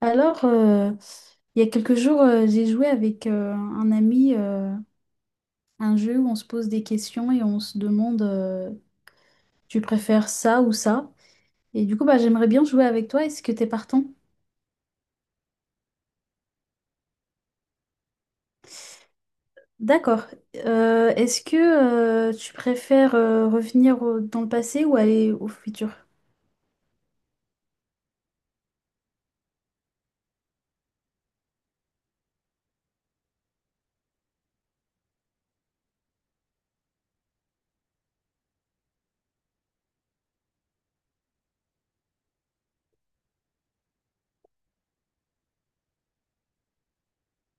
Alors, euh, il y a quelques jours, j'ai joué avec un ami un jeu où on se pose des questions et on se demande tu préfères ça ou ça? Et du coup, bah, j'aimerais bien jouer avec toi. Est-ce que t'es partant? D'accord. Est-ce que tu préfères revenir dans le passé ou aller au futur?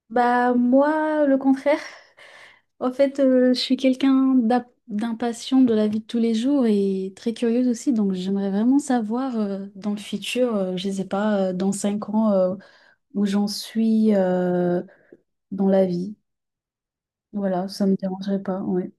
Bah moi, le contraire. En fait, je suis quelqu'un d'impatient de la vie de tous les jours et très curieuse aussi, donc j'aimerais vraiment savoir dans le futur, je ne sais pas, dans 5 ans, où j'en suis dans la vie. Voilà, ça me dérangerait pas, ouais.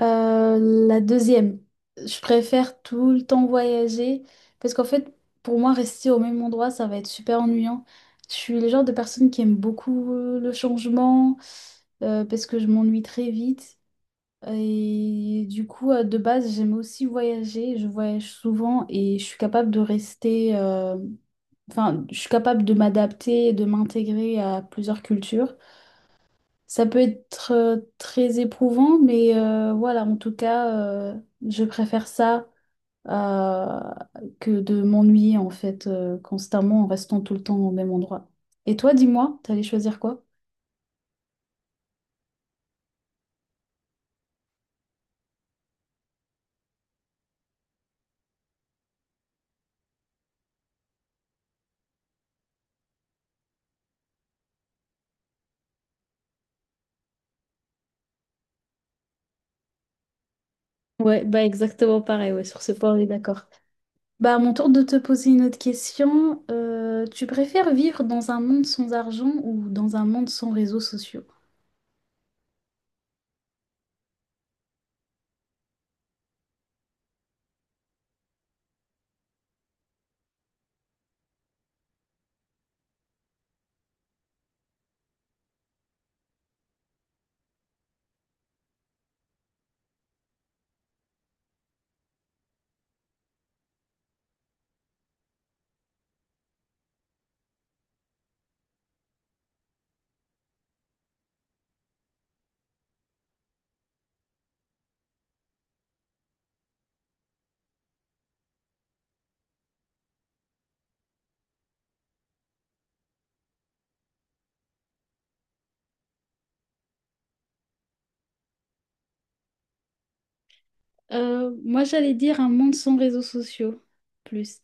Euh, la deuxième, je préfère tout le temps voyager parce qu'en fait, pour moi, rester au même endroit, ça va être super ennuyant. Je suis le genre de personne qui aime beaucoup le changement parce que je m'ennuie très vite. Et du coup, de base, j'aime aussi voyager. Je voyage souvent et je suis capable de rester. Enfin, je suis capable de m'adapter et de m'intégrer à plusieurs cultures. Ça peut être très éprouvant, mais voilà, en tout cas, euh, je préfère ça euh, que de m'ennuyer en fait constamment en restant tout le temps au même endroit. Et toi, dis-moi, t'allais choisir quoi? Ouais, bah exactement pareil, ouais, sur ce point on est d'accord. Bah, à mon tour de te poser une autre question. Tu préfères vivre dans un monde sans argent ou dans un monde sans réseaux sociaux? Moi, j'allais dire un monde sans réseaux sociaux, plus.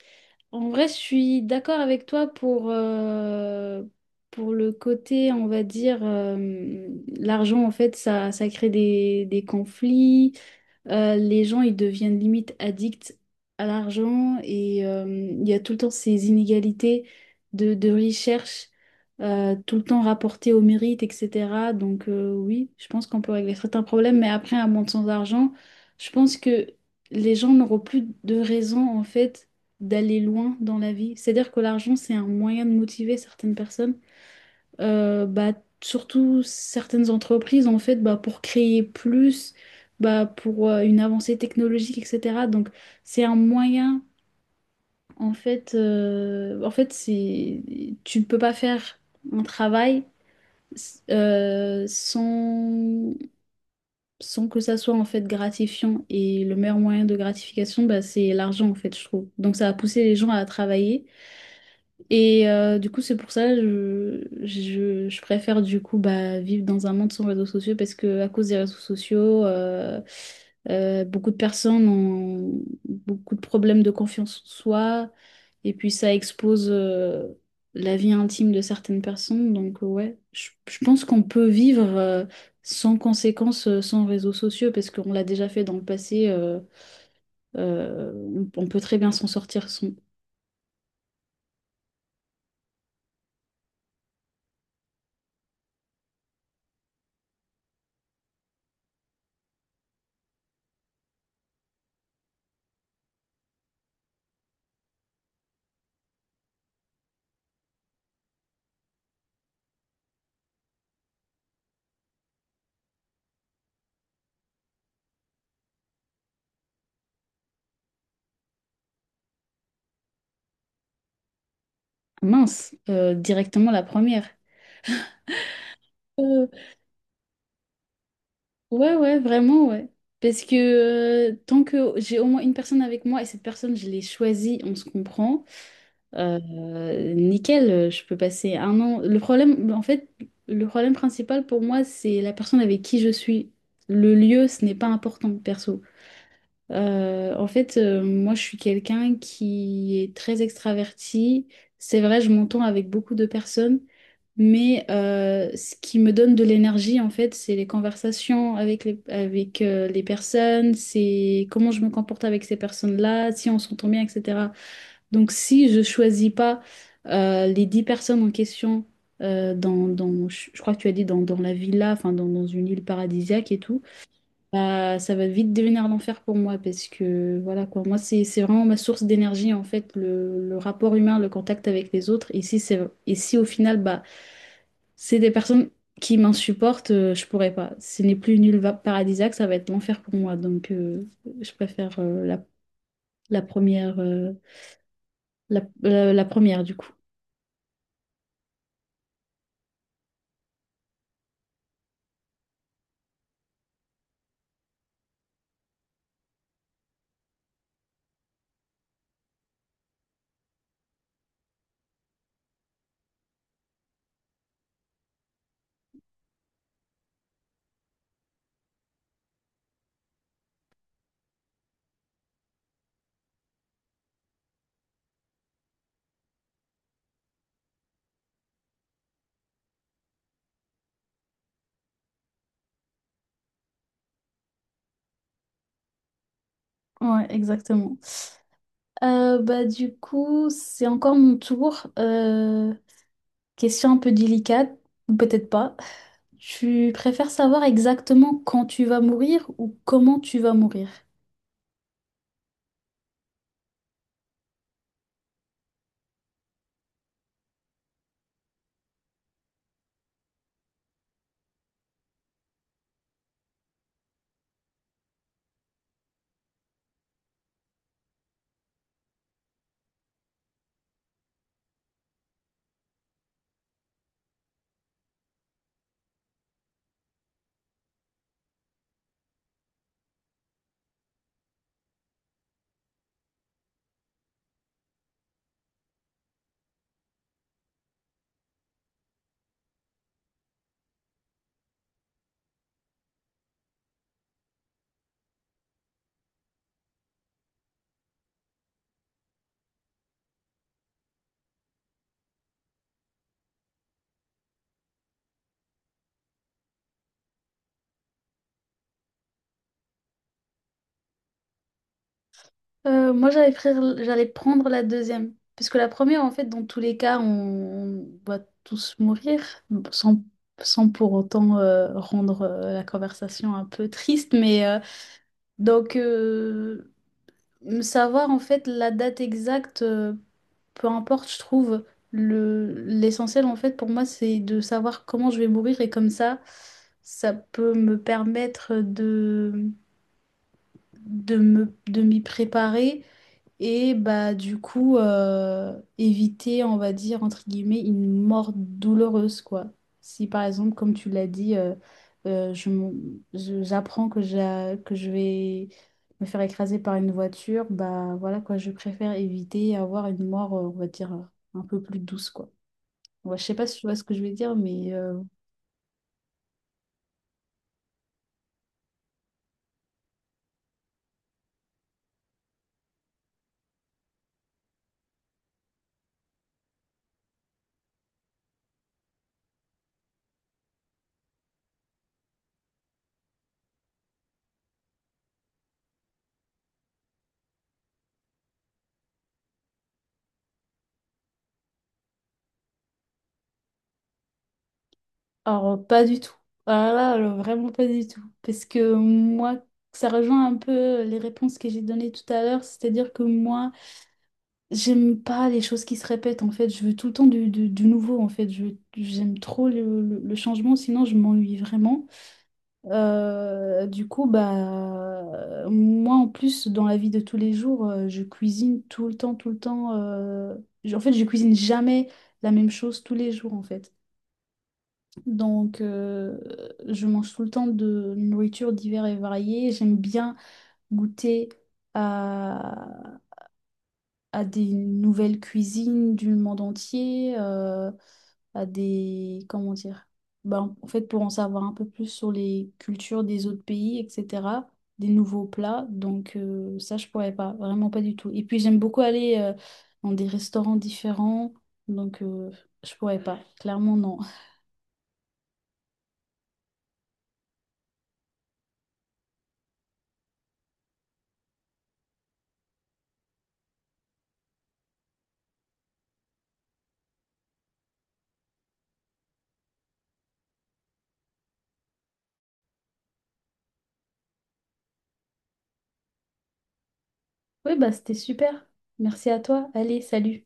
En vrai, je suis d'accord avec toi pour le côté, on va dire, l'argent, en fait, ça crée des conflits. Les gens, ils deviennent limite addicts à l'argent et il y a tout le temps ces inégalités de recherche, tout le temps rapportées au mérite, etc. Donc oui, je pense qu'on peut régler certains problèmes, mais après, un monde sans argent, je pense que les gens n'auront plus de raison, en fait, d'aller loin dans la vie. C'est-à-dire que l'argent, c'est un moyen de motiver certaines personnes bah, surtout certaines entreprises en fait bah, pour créer plus bah, pour une avancée technologique, etc. Donc c'est un moyen en fait c'est tu ne peux pas faire un travail sans sans que ça soit en fait gratifiant et le meilleur moyen de gratification bah, c'est l'argent en fait je trouve donc ça a poussé les gens à travailler. Et du coup, c'est pour ça je préfère du coup bah, vivre dans un monde sans réseaux sociaux parce que à cause des réseaux sociaux, beaucoup de personnes ont beaucoup de problèmes de confiance en soi et puis ça expose la vie intime de certaines personnes. Donc ouais, je pense qu'on peut vivre sans conséquences, sans réseaux sociaux parce qu'on l'a déjà fait dans le passé. Euh, on peut très bien s'en sortir sans... Mince, directement la première. Euh, ouais, ouais, vraiment, ouais. Parce que tant que j'ai au moins une personne avec moi et cette personne, je l'ai choisie, on se comprend, euh, nickel, je peux passer 1 an. Le problème, en fait, le problème principal pour moi, c'est la personne avec qui je suis. Le lieu, ce n'est pas important, perso. En fait, moi, je suis quelqu'un qui est très extraverti. C'est vrai, je m'entends avec beaucoup de personnes, mais ce qui me donne de l'énergie, en fait, c'est les conversations avec, les personnes, c'est comment je me comporte avec ces personnes-là, si on s'entend bien, etc. Donc, si je choisis pas les 10 personnes en question, dans, je crois que tu as dit dans, dans la villa, enfin, dans, dans une île paradisiaque et tout, bah, ça va vite devenir l'enfer pour moi parce que voilà quoi, moi c'est vraiment ma source d'énergie en fait, le rapport humain, le contact avec les autres. Et si c'est et si au final bah c'est des personnes qui m'insupportent, je pourrais pas. Ce n'est plus une île paradisiaque, ça va être l'enfer pour moi. Donc je préfère la, la première la, la première du coup. Ouais, exactement. Bah du coup, c'est encore mon tour. Question un peu délicate, ou peut-être pas. Tu préfères savoir exactement quand tu vas mourir ou comment tu vas mourir? Moi, j'allais prendre la deuxième. Parce que la première, en fait, dans tous les cas, on va tous mourir, sans, sans pour autant rendre la conversation un peu triste. Mais donc, savoir, en fait, la date exacte, peu importe, je trouve le l'essentiel en fait pour moi c'est de savoir comment je vais mourir et comme ça ça peut me permettre de me de m'y préparer et bah du coup éviter, on va dire, entre guillemets, une mort douloureuse, quoi. Si par exemple, comme tu l'as dit, euh, je, m- j'apprends que, que je vais me faire écraser par une voiture, bah voilà quoi, je préfère éviter et avoir une mort, on va dire, un peu plus douce, quoi. Ouais, je sais pas si tu vois ce que je veux dire, mais alors pas du tout. Ah là, alors, vraiment pas du tout. Parce que moi, ça rejoint un peu les réponses que j'ai données tout à l'heure, c'est-à-dire que moi, j'aime pas les choses qui se répètent en fait, je veux tout le temps du, du nouveau en fait, j'aime trop le, le changement, sinon je m'ennuie vraiment. Du coup, bah, moi en plus, dans la vie de tous les jours, je cuisine tout le temps, tout le temps. En fait, je cuisine jamais la même chose tous les jours en fait. Donc, je mange tout le temps de nourriture divers et variée, j'aime bien goûter à des nouvelles cuisines du monde entier, à des... Comment dire? Ben, en fait, pour en savoir un peu plus sur les cultures des autres pays, etc., des nouveaux plats. Donc ça, je pourrais pas, vraiment pas du tout. Et puis, j'aime beaucoup aller dans des restaurants différents. Donc, je pourrais pas. Clairement, non. Oui, bah, c'était super. Merci à toi. Allez, salut.